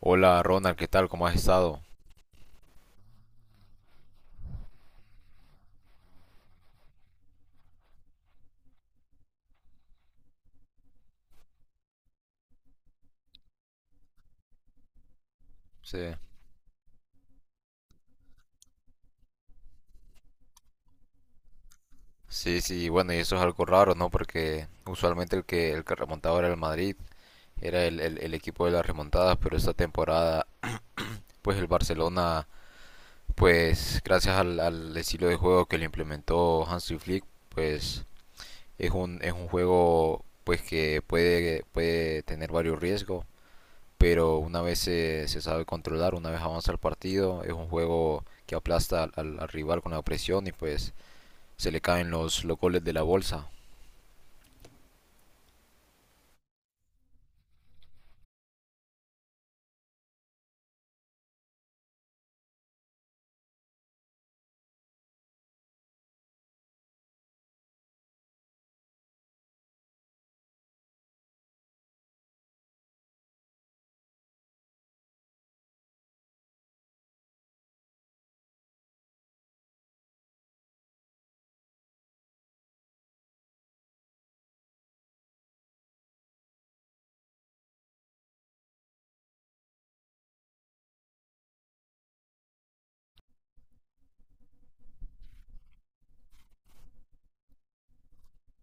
Hola Ronald, ¿qué tal? ¿Cómo has estado? Sí, sí, sí, bueno, y eso es algo raro, ¿no? Porque usualmente el que remontaba era el Madrid, era el equipo de las remontadas, pero esta temporada, pues el Barcelona, pues gracias al estilo de juego que le implementó Hansi Flick, pues es un juego pues que puede tener varios riesgos, pero una vez se sabe controlar, una vez avanza el partido, es un juego que aplasta al rival con la presión y pues se le caen los goles de la bolsa.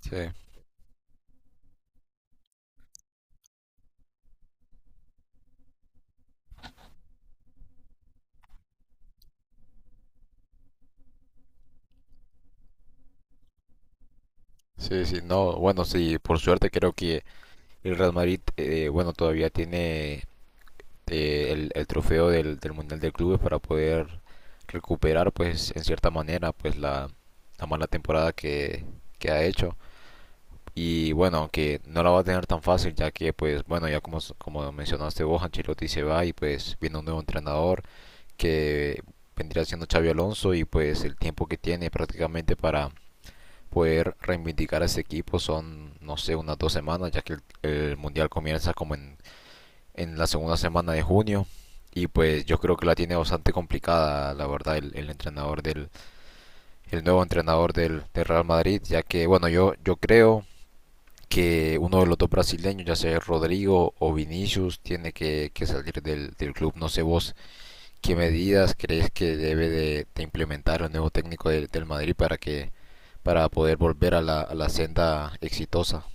Sí, sí, sí, no, bueno, sí, por suerte creo que el Real Madrid, bueno, todavía tiene el trofeo del Mundial de Clubes para poder recuperar, pues, en cierta manera, pues, la mala temporada que ha hecho. Y bueno, aunque no la va a tener tan fácil, ya que, pues, bueno, ya como mencionaste vos, Ancelotti se va y pues viene un nuevo entrenador que vendría siendo Xavi Alonso y pues el tiempo que tiene prácticamente para poder reivindicar a ese equipo son, no sé, unas dos semanas, ya que el mundial comienza como en la segunda semana de junio. Y pues yo creo que la tiene bastante complicada, la verdad, el nuevo entrenador del Real Madrid, ya que, bueno, yo creo que uno de los dos brasileños, ya sea Rodrigo o Vinicius, tiene que salir del club. No sé vos qué medidas crees que debe de implementar el nuevo técnico del Madrid para poder volver a la senda exitosa.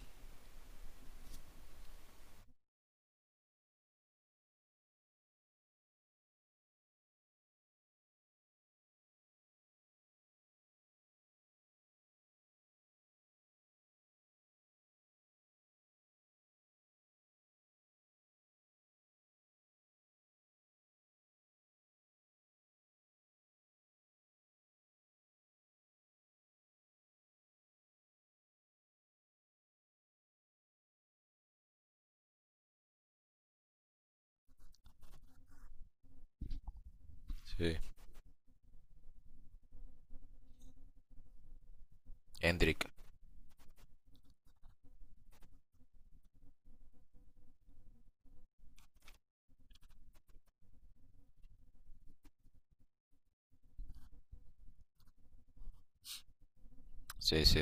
Sí, Hendrik. Sí, sí.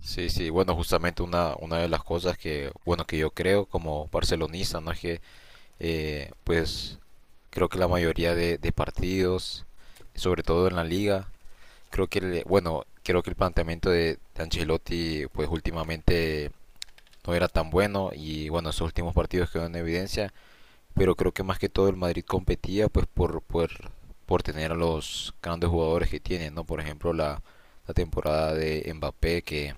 Sí, sí. Bueno, justamente una de las cosas que, bueno, que yo creo como barcelonista, ¿no? Es que, pues, creo que la mayoría de partidos, sobre todo en la liga, creo que, bueno, creo que el planteamiento de Ancelotti, pues, últimamente no era tan bueno y, bueno, esos últimos partidos quedaron en evidencia, pero creo que más que todo el Madrid competía pues por tener a los grandes jugadores que tiene, ¿no? Por ejemplo, la temporada de Mbappé, que,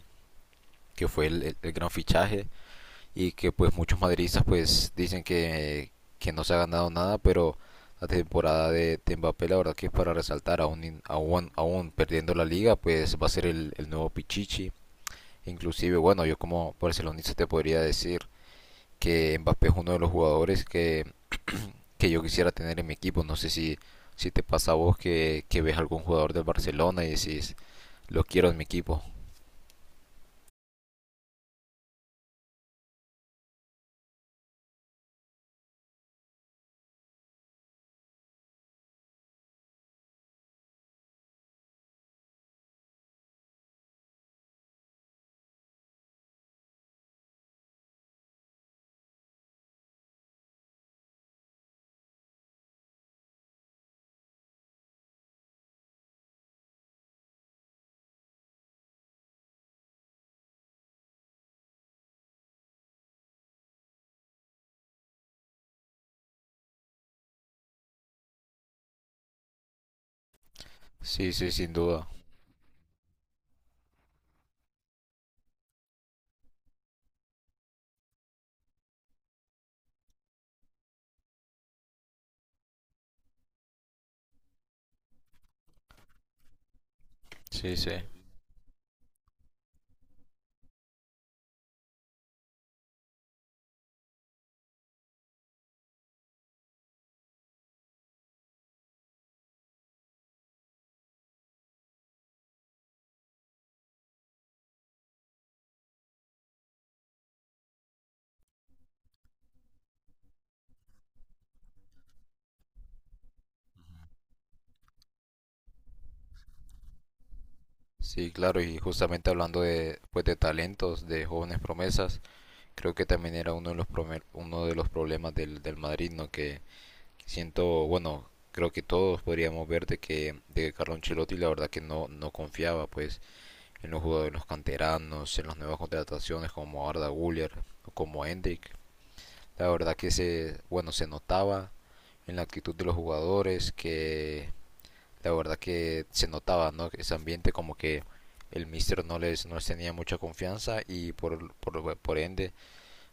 que fue el gran fichaje y que pues muchos madridistas pues dicen que no se ha ganado nada, pero la temporada de Mbappé la verdad que es para resaltar, aún perdiendo la liga, pues va a ser el nuevo Pichichi. Inclusive, bueno, yo como barcelonista te podría decir que Mbappé es uno de los jugadores que yo quisiera tener en mi equipo. No sé si te pasa a vos que ves algún jugador del Barcelona y decís, lo quiero en mi equipo. Sí, sí, sin duda. Sí, sí. Sí, claro, y justamente hablando de, pues, de talentos, de jóvenes promesas, creo que también era uno de los problemas del Madrid, ¿no? Que siento, bueno, creo que todos podríamos ver de que Carlo Ancelotti la verdad que no confiaba, pues, en los jugadores, en los canteranos, en las nuevas contrataciones como Arda Güler, como Endrick. La verdad que bueno, se notaba en la actitud de los jugadores que la verdad que se notaba, ¿no? Ese ambiente como que el mister no les tenía mucha confianza y por ende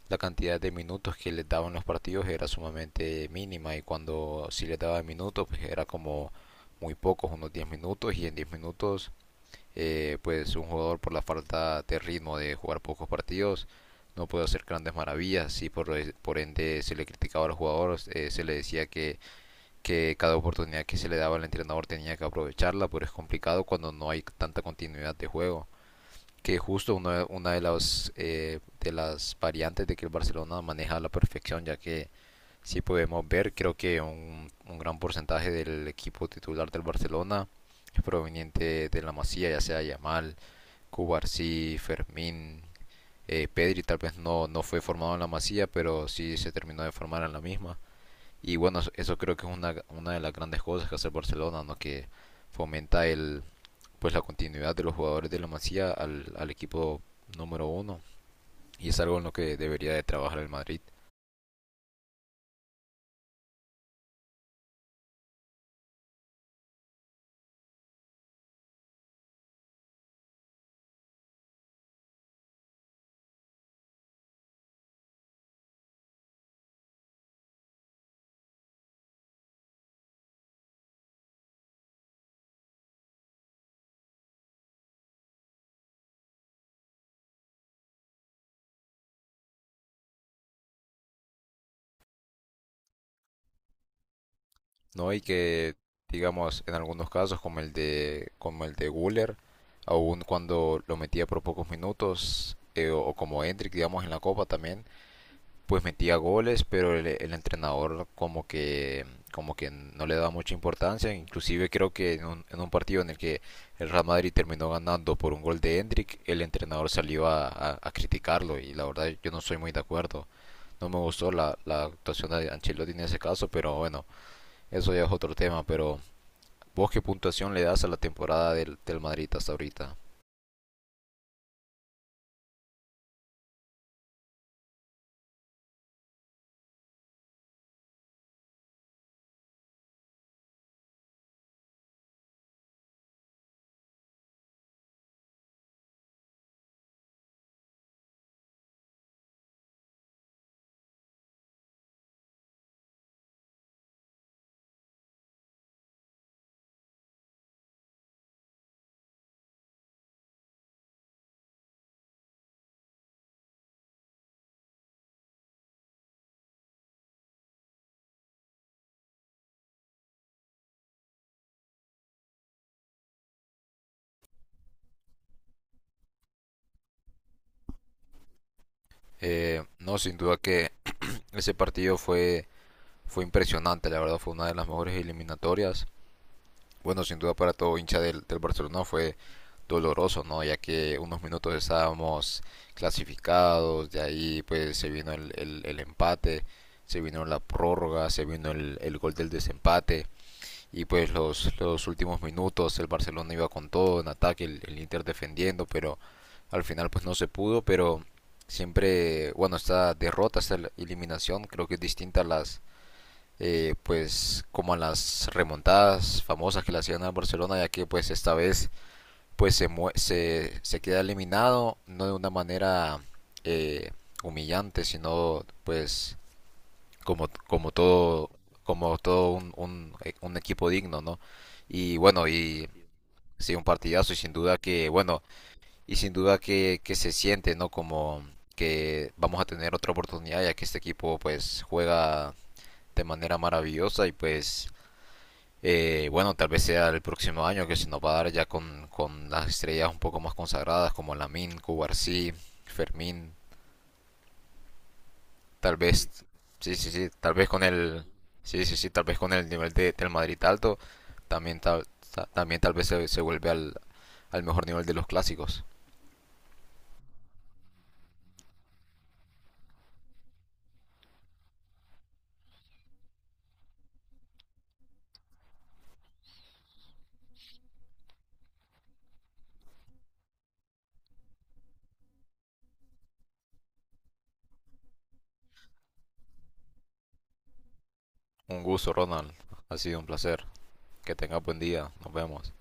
la cantidad de minutos que les daban los partidos era sumamente mínima, y cuando sí les daba minutos pues era como muy pocos, unos 10 minutos, y en 10 minutos pues un jugador por la falta de ritmo de jugar pocos partidos no puede hacer grandes maravillas, y por ende se le criticaba a los jugadores, se le decía que, cada oportunidad que se le daba al entrenador tenía que aprovecharla, pero es complicado cuando no hay tanta continuidad de juego. Que justo una de las variantes de que el Barcelona maneja a la perfección, ya que si podemos ver, creo que un gran porcentaje del equipo titular del Barcelona es proveniente de la Masía, ya sea Yamal, Cubarsí, Fermín, Pedri tal vez no fue formado en la Masía, pero sí se terminó de formar en la misma. Y bueno, creo que es una de las grandes cosas que hace el Barcelona, ¿no? Que fomenta pues la continuidad de los jugadores de la Masía al equipo número uno. Y es algo en lo que debería de trabajar el Madrid. ¿No? Y que, digamos, en algunos casos, como el de Güler, aún cuando lo metía por pocos minutos, o como Endrick, digamos, en la Copa también, pues metía goles, pero el entrenador como que no le daba mucha importancia, inclusive creo que en un partido en el que el Real Madrid terminó ganando por un gol de Hendrik, el entrenador salió a criticarlo y la verdad yo no soy muy de acuerdo. No me gustó la actuación de Ancelotti en ese caso, pero bueno, eso ya es otro tema. ¿Pero vos qué puntuación le das a la temporada del Madrid hasta ahorita? No, sin duda que ese partido fue impresionante, la verdad fue una de las mejores eliminatorias. Bueno, sin duda para todo hincha del Barcelona fue doloroso, ¿no? Ya que unos minutos estábamos clasificados, de ahí pues se vino el empate, se vino la prórroga, se vino el gol del desempate, y pues los últimos minutos el Barcelona iba con todo en ataque, el Inter defendiendo, pero al final pues no se pudo. Pero siempre, bueno, esta derrota, esta eliminación creo que es distinta a las pues como en las remontadas famosas que le hacían al Barcelona, ya que pues esta vez pues se queda eliminado, no de una manera eh, humillante, sino pues como, como todo, como todo un equipo digno, ¿no? Y bueno, y sí, un partidazo, y sin duda que, bueno, y sin duda que, se siente, ¿no? Como que vamos a tener otra oportunidad, ya que este equipo pues juega de manera maravillosa y pues bueno, tal vez sea el próximo año que se nos va a dar ya con las estrellas un poco más consagradas como Lamin, Cubarsí, Fermín, tal vez, sí, sí, sí, tal vez con el, sí, sí, sí, tal vez con el nivel del Madrid alto, también tal vez se vuelve al mejor nivel de los clásicos. Un gusto, Ronald, ha sido un placer, que tengas buen día, nos vemos.